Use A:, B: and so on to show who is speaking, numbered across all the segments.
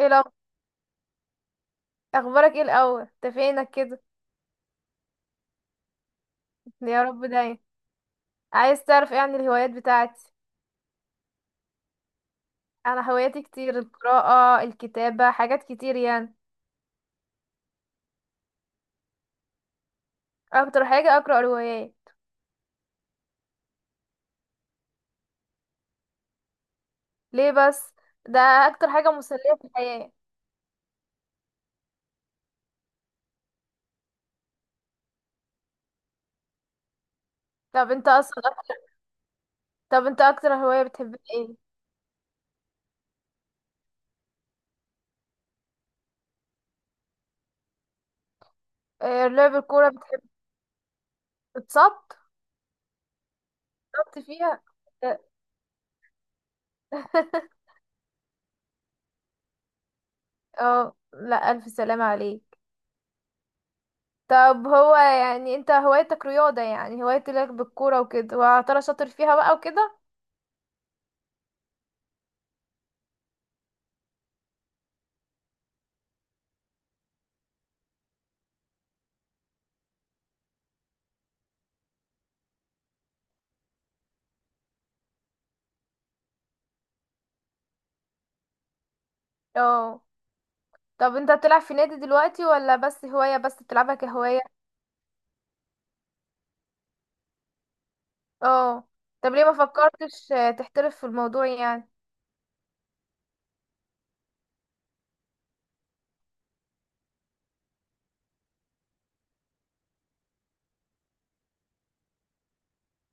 A: ايه لو اخبارك ايه الاول انت فينك كده؟ يا رب دايما. عايز تعرف ايه عن الهوايات بتاعتي؟ انا هواياتي كتير، القراءة، الكتابة، حاجات كتير يعني. اكتر حاجة اقرأ روايات. ليه بس؟ ده اكتر حاجة مسلية في الحياة. طب انت اصلا طب انت اكتر هواية بتحب ايه؟ آه، لعب الكورة بتحب؟ تتصبط؟ تصبت فيها. اه، لا، الف سلامة عليك. طب هو يعني انت هوايتك رياضة، يعني هوايتك بالكورة وكده، وترى شاطر فيها بقى وكده؟ اه. طب انت بتلعب في نادي دلوقتي ولا بس هواية، بس بتلعبها كهواية؟ اه. طب ليه ما فكرتش تحترف في الموضوع يعني؟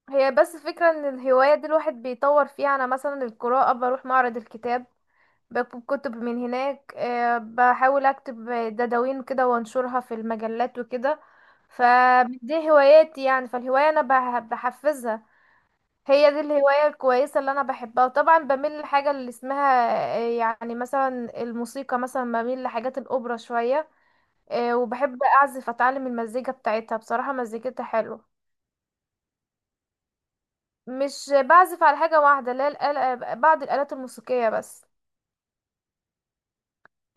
A: هي بس فكرة ان الهواية دي الواحد بيطور فيها، انا مثلا القراءة بروح معرض الكتاب، بكتب كتب من هناك، بحاول اكتب دواوين كده وانشرها في المجلات وكده. فدي هواياتي يعني، فالهواية انا بحفزها. هي دي الهواية الكويسة اللي أنا بحبها، وطبعا بميل لحاجة اللي اسمها يعني مثلا الموسيقى، مثلا بميل لحاجات الأوبرا شوية. وبحب أعزف، أتعلم المزيكا بتاعتها، بصراحة مزيكتها حلوة. مش بعزف على حاجة واحدة، لا الآلة، بعض الآلات الموسيقية بس.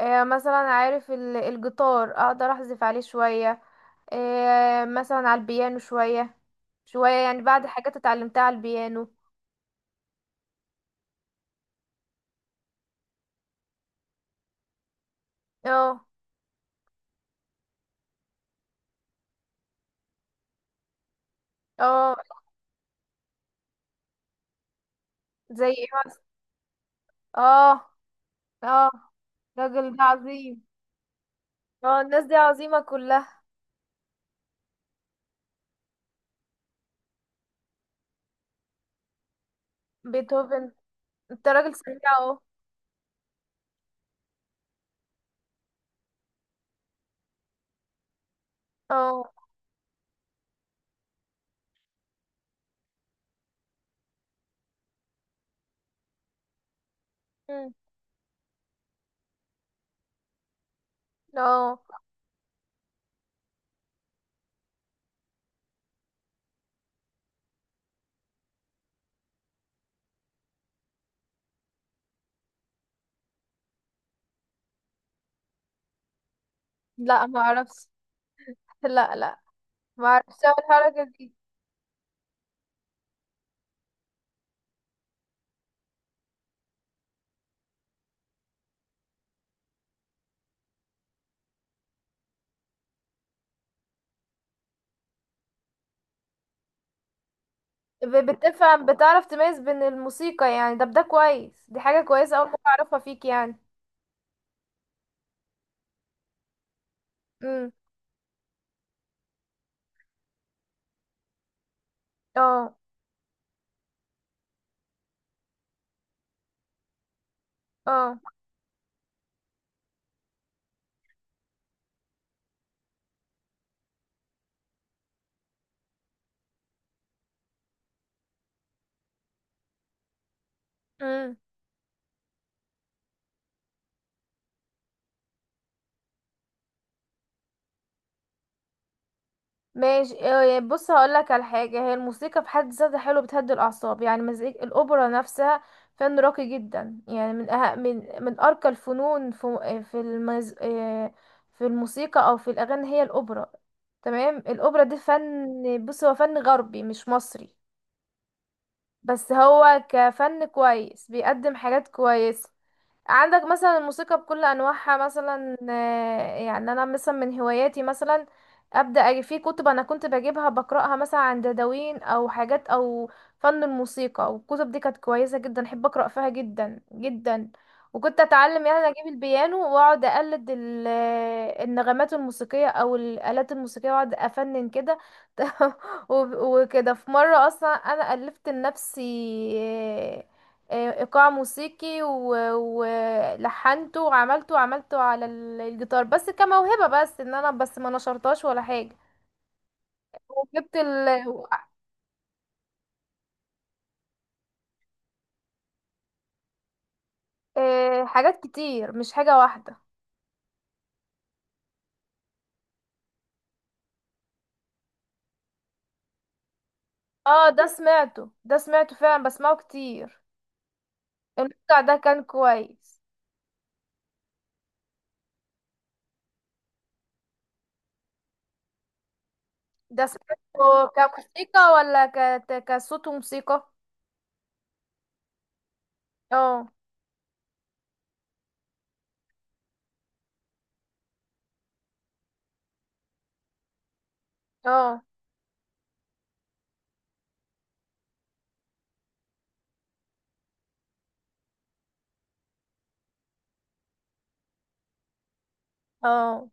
A: مثلا عارف الجيتار أقدر أعزف عليه شوية. مثلا على البيانو شوية. شوية يعني، بعض الحاجات اتعلمتها على البيانو. اه. اه، زي ايه مثلا؟ اه اه، الراجل ده عظيم. اه، الناس دي عظيمة كلها. بيتهوفن؟ انت راجل سريع اهو. اه. مم. اه. لا، ما اعرفش. لا، لا. ما اعرفش أعمل الحركة دي. بتفهم، بتعرف تميز بين الموسيقى يعني، ده بده كويس، دي حاجة كويسة اول مرة اعرفها فيك يعني. امم. اه. اه. مم. ماشي إيه، بص هقولك على حاجة، هي الموسيقى في حد ذاتها حلو، بتهدي الأعصاب، يعني مزيكا الأوبرا نفسها فن راقي جدا، يعني من أه... من من أرقى الفنون في في المز... إيه، في الموسيقى أو في الأغاني هي الأوبرا. تمام، الأوبرا دي فن، بص هو فن غربي مش مصري. بس هو كفن كويس بيقدم حاجات كويسة. عندك مثلا الموسيقى بكل انواعها، مثلا يعني انا مثلا من هواياتي مثلا. ابدا أجي في كتب، انا كنت بجيبها بقراها مثلا، عن دواوين او حاجات او فن الموسيقى، والكتب دي كانت كويسه جدا، احب اقرا فيها جدا جدا. وكنت اتعلم يعني، اجيب البيانو واقعد اقلد النغمات الموسيقيه او الالات الموسيقيه، واقعد افنن كده. وكده في مره اصلا انا الفت لنفسي آه، ايقاع موسيقي، ولحنته وعملته وعملته على الجيتار، بس كموهبة، بس ان انا بس ما نشرتهاش ولا حاجة. وجبت حاجات كتير، مش حاجة واحدة. اه، ده سمعته، ده سمعته فعلا، بسمعه كتير. المقطع ده كان كويس. ده سمعته كموسيقى ولا كصوت وموسيقى؟ اه. اه. اه.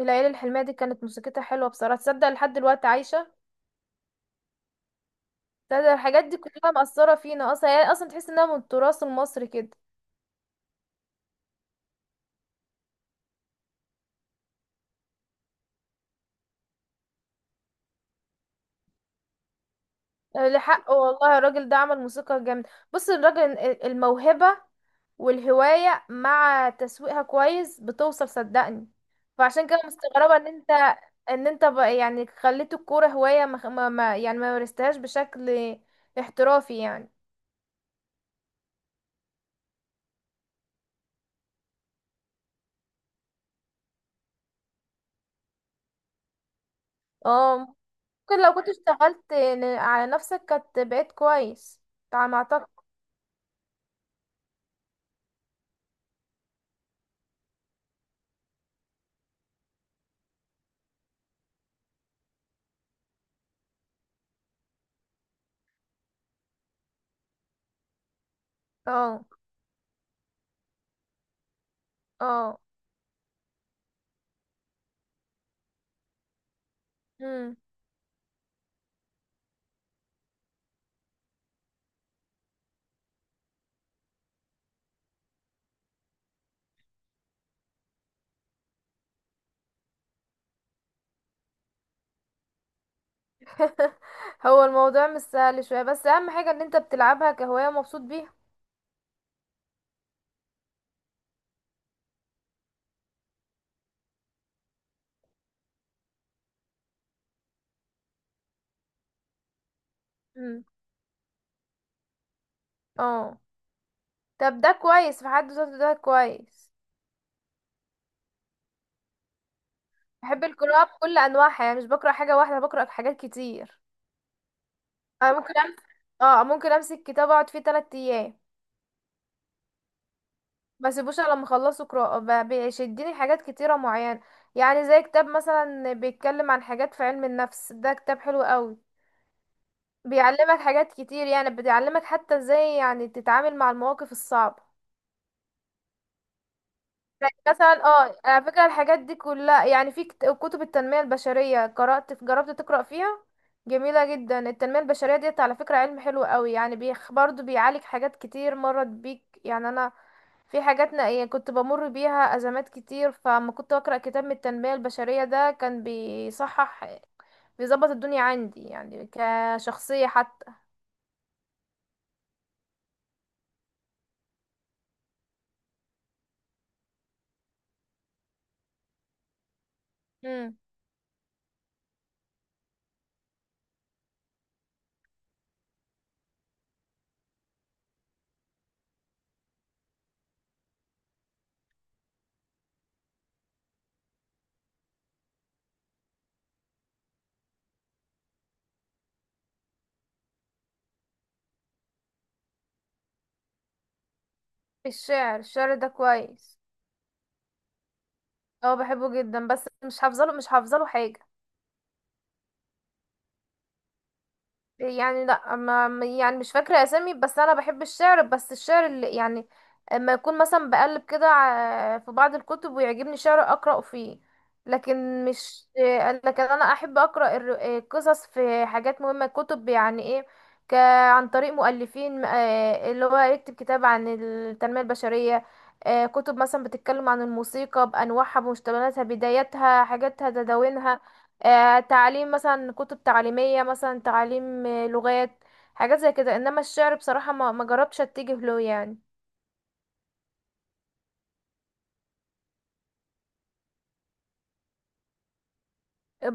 A: العيلة الحلمية دي كانت موسيقتها حلوة بصراحة، تصدق لحد دلوقتي عايشة؟ ده الحاجات دي كلها مأثرة فينا اصلا يعني، اصلا تحس انها من التراث المصري كده. لحق والله الراجل ده عمل موسيقى جامدة، بص الراجل الموهبة والهواية مع تسويقها كويس بتوصل، صدقني. فعشان كده مستغربة ان انت يعني خليت الكورة هواية، يعني ما مارستهاش بشكل احترافي يعني. اه. ممكن لو كنت اشتغلت على نفسك كانت بقيت كويس. على ما اعتقد. اه. اه. مم. هو الموضوع مش سهل شوية، بس اهم حاجة ان انت بتلعبها كهواية ومبسوط بيها. مم. اه. طب ده كويس في حد ذاته، ده كويس. بحب القراءة بكل انواعها يعني، مش بقرا حاجة واحدة، بقرا حاجات كتير. انا ممكن امسك اه ممكن امسك كتاب، اقعد فيه تلات ايام. ما اسيبوش الا لما اخلصه قراءة، بيشدني حاجات كتيرة معينة. يعني زي كتاب مثلا بيتكلم عن حاجات في علم النفس، ده كتاب حلو قوي. بيعلمك حاجات كتير يعني، بيعلمك حتى ازاي يعني تتعامل مع المواقف الصعبة. يعني مثلا على فكرة الحاجات دي كلها يعني، في كتب التنمية البشرية، قرأت، جربت تقرأ فيها؟ جميلة جدا التنمية البشرية ديت، على فكرة علم حلو قوي يعني، بيخ برضو بيعالج حاجات كتير مرت بيك يعني، انا في حاجات نائية كنت بمر بيها أزمات كتير، فما كنت أقرأ كتاب من التنمية البشرية ده كان بيصحح، بيظبط الدنيا عندي يعني كشخصية حتى. مم. الشعر ده كويس. اه، بحبه جدا بس مش حافظه له حاجة. يعني لا يعني مش فاكرة أسامي، بس أنا بحب الشعر، بس الشعر اللي يعني اما يكون مثلا بقلب كده في بعض الكتب ويعجبني شعر أقرأ فيه. لكن مش لكن أنا أحب أقرأ القصص في حاجات مهمة، كتب يعني إيه، ك عن طريق مؤلفين اللي هو يكتب كتاب عن التنمية البشرية. كتب مثلا بتتكلم عن الموسيقى بأنواعها، بمشتقاتها، بداياتها، حاجاتها، تداوينها. تعليم، مثلا كتب تعليمية، مثلا تعليم لغات، حاجات زي كده. انما الشعر بصراحة ما جربتش اتجه له يعني.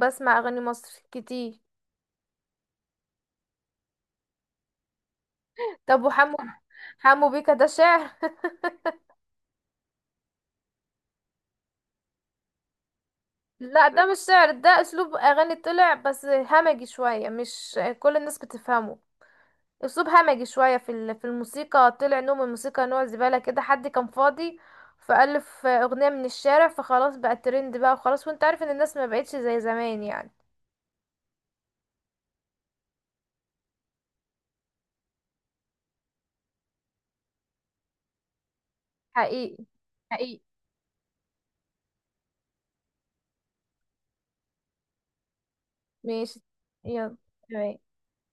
A: بسمع اغاني مصر كتير. طب وحمو حمو بيكا ده شعر؟ لا، ده مش شعر، ده اسلوب اغاني طلع بس همجي شوية، مش كل الناس بتفهمه، اسلوب همجي شوية في الموسيقى، طلع نوع من الموسيقى، نوع زبالة كده، حد كان فاضي فألف أغنية من الشارع، فخلاص بقى الترند بقى، وخلاص، وانت عارف ان الناس ما بقتش زي زمان يعني. حقيقي، حقيقي. ماشي. يلا. تمام.